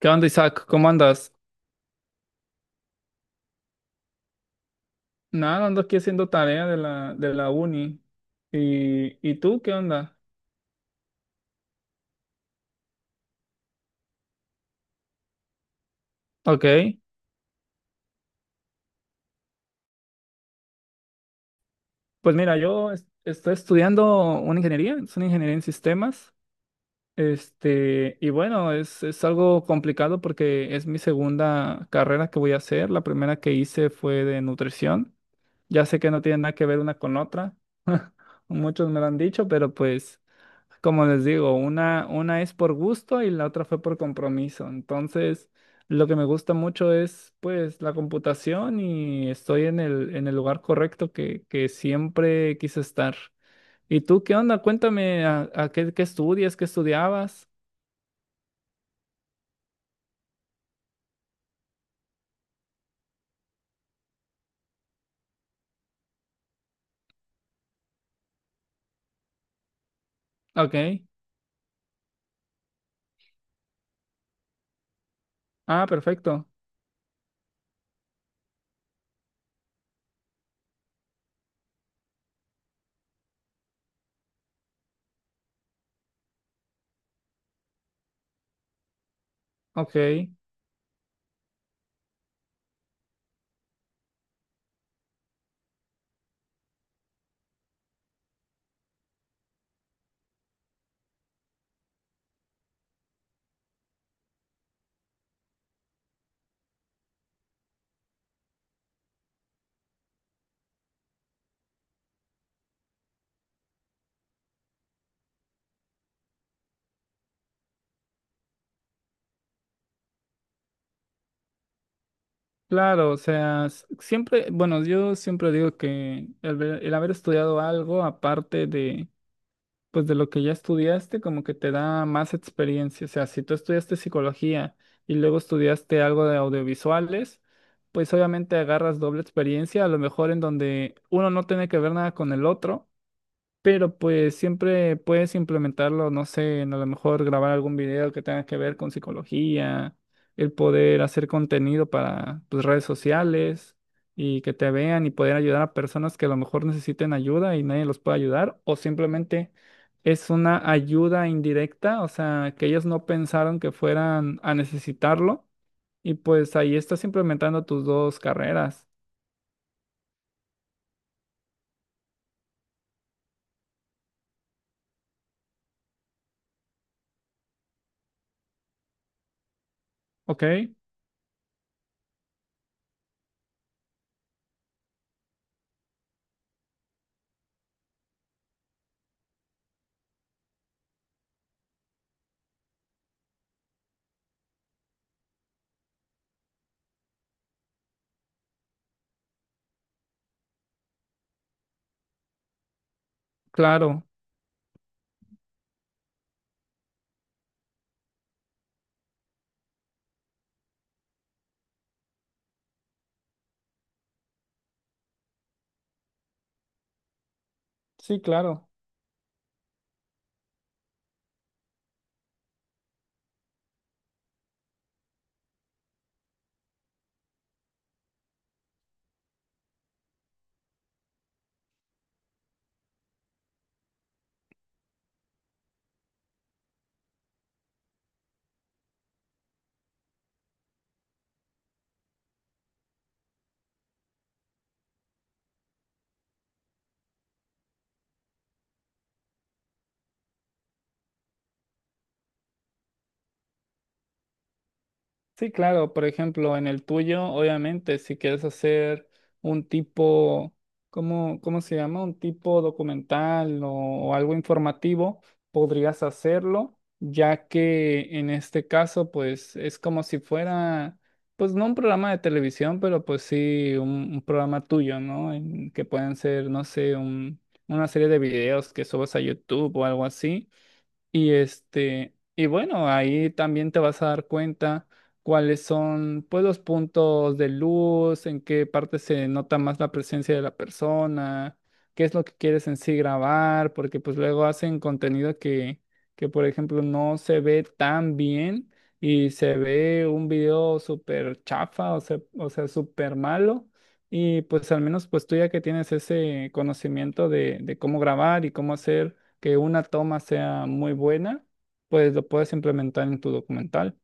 ¿Qué onda, Isaac? ¿Cómo andas? Nada, ando aquí haciendo tarea de la uni. ¿Y tú qué onda? Ok, pues mira, yo estoy estudiando una ingeniería, es una ingeniería en sistemas. Y bueno, es algo complicado porque es mi segunda carrera que voy a hacer. La primera que hice fue de nutrición. Ya sé que no tiene nada que ver una con otra. Muchos me lo han dicho, pero pues, como les digo, una es por gusto y la otra fue por compromiso. Entonces, lo que me gusta mucho es pues la computación y estoy en el lugar correcto que siempre quise estar. ¿Y tú qué onda? Cuéntame a qué estudias, qué estudiabas. Ok. Ah, perfecto. Ok. Claro, o sea, siempre, bueno, yo siempre digo que el haber estudiado algo aparte pues de lo que ya estudiaste, como que te da más experiencia. O sea, si tú estudiaste psicología y luego estudiaste algo de audiovisuales, pues obviamente agarras doble experiencia, a lo mejor en donde uno no tiene que ver nada con el otro, pero pues siempre puedes implementarlo, no sé, en a lo mejor grabar algún video que tenga que ver con psicología, el poder hacer contenido para tus redes sociales y que te vean y poder ayudar a personas que a lo mejor necesiten ayuda y nadie los puede ayudar, o simplemente es una ayuda indirecta, o sea, que ellos no pensaron que fueran a necesitarlo y pues ahí estás implementando tus dos carreras, ¿ok? Claro, sí, claro. Sí, claro, por ejemplo, en el tuyo, obviamente, si quieres hacer un tipo, ¿cómo se llama? Un tipo documental o algo informativo, podrías hacerlo, ya que en este caso, pues es como si fuera, pues no un programa de televisión, pero pues sí un programa tuyo, ¿no? En que pueden ser, no sé, una serie de videos que subas a YouTube o algo así. Y bueno, ahí también te vas a dar cuenta cuáles son, pues, los puntos de luz, en qué parte se nota más la presencia de la persona, qué es lo que quieres en sí grabar, porque pues luego hacen contenido que por ejemplo, no se ve tan bien y se ve un video súper chafa, o sea, súper malo. Y pues al menos pues tú ya que tienes ese conocimiento de cómo grabar y cómo hacer que una toma sea muy buena, pues lo puedes implementar en tu documental.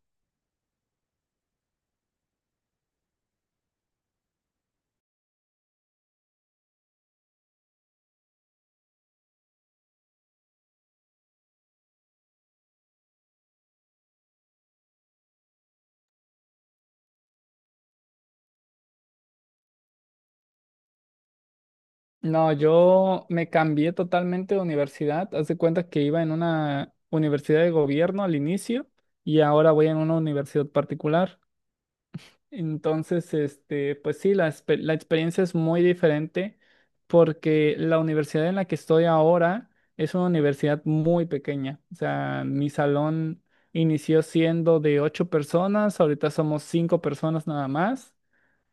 No, yo me cambié totalmente de universidad. Haz de cuenta que iba en una universidad de gobierno al inicio y ahora voy en una universidad particular. Entonces, pues sí, la experiencia es muy diferente porque la universidad en la que estoy ahora es una universidad muy pequeña. O sea, mi salón inició siendo de ocho personas, ahorita somos cinco personas nada más.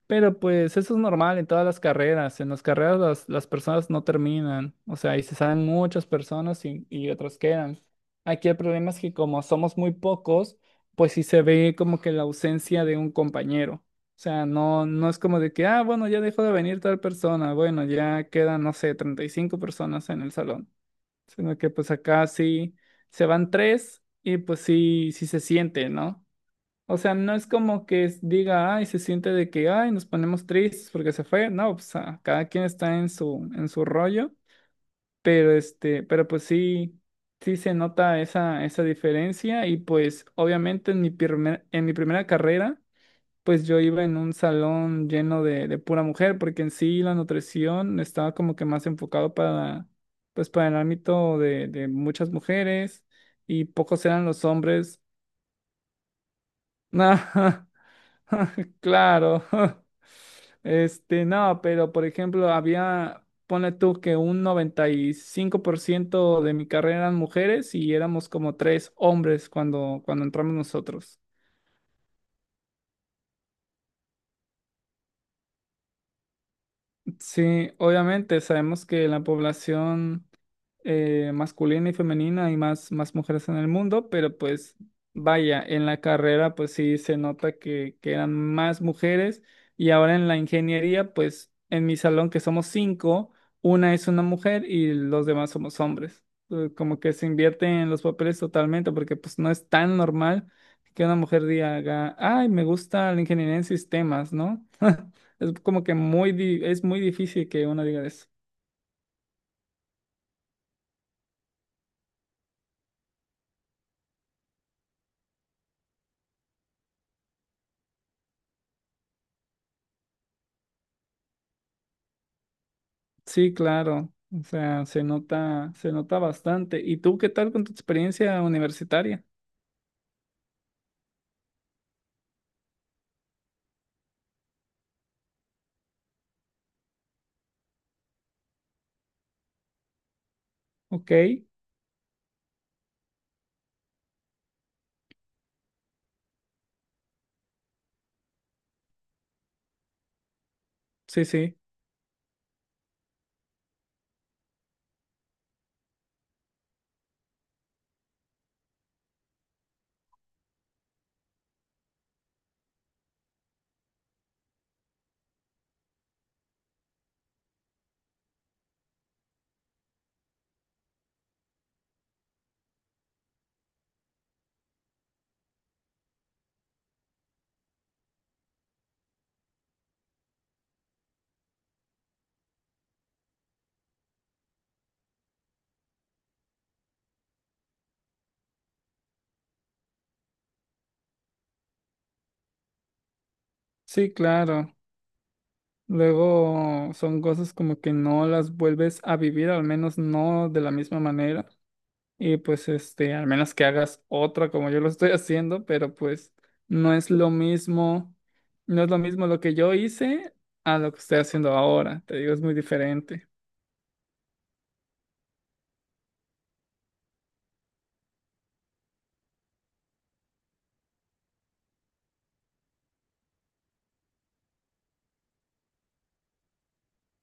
Pero pues eso es normal en todas las carreras. En las carreras las personas no terminan. O sea, y se salen muchas personas y otras quedan. Aquí el problema es que como somos muy pocos, pues sí se ve como que la ausencia de un compañero. O sea, no, no es como de que, ah, bueno, ya dejó de venir tal persona. Bueno, ya quedan, no sé, 35 personas en el salón. Sino que pues acá sí se van tres y pues sí, sí se siente, ¿no? O sea, no es como que diga, ay, se siente de que, ay, nos ponemos tristes porque se fue. No, pues cada quien está en su rollo, pero pues sí, sí se nota esa diferencia y pues obviamente en en mi primera carrera, pues yo iba en un salón lleno de pura mujer porque en sí la nutrición estaba como que más enfocado pues para el ámbito de muchas mujeres y pocos eran los hombres. No. Claro. No, pero por ejemplo, había, ponle tú que un 95% de mi carrera eran mujeres y éramos como tres hombres cuando entramos nosotros. Sí, obviamente sabemos que la población masculina y femenina y más mujeres en el mundo, pero pues vaya, en la carrera pues sí se nota que eran más mujeres y ahora en la ingeniería pues en mi salón que somos cinco, una es una mujer y los demás somos hombres. Como que se invierte en los papeles totalmente porque pues no es tan normal que una mujer diga, ay, me gusta la ingeniería en sistemas, ¿no? Es como que muy, es muy difícil que uno diga eso. Sí, claro. O sea, se nota bastante. ¿Y tú qué tal con tu experiencia universitaria? Ok, sí, sí, sí, claro. Luego son cosas como que no las vuelves a vivir, al menos no de la misma manera. Y pues al menos que hagas otra como yo lo estoy haciendo, pero pues no es lo mismo, no es lo mismo lo que yo hice a lo que estoy haciendo ahora. Te digo, es muy diferente.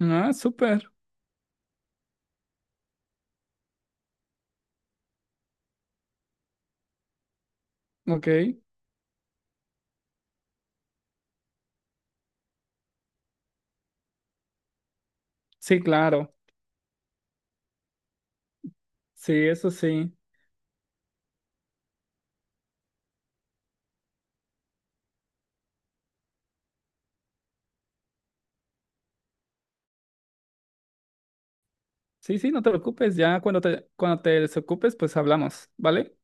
Ah, súper. Ok, sí, claro. Sí, eso sí. Sí, sí, no te preocupes. Ya cuando te desocupes, pues hablamos, ¿vale?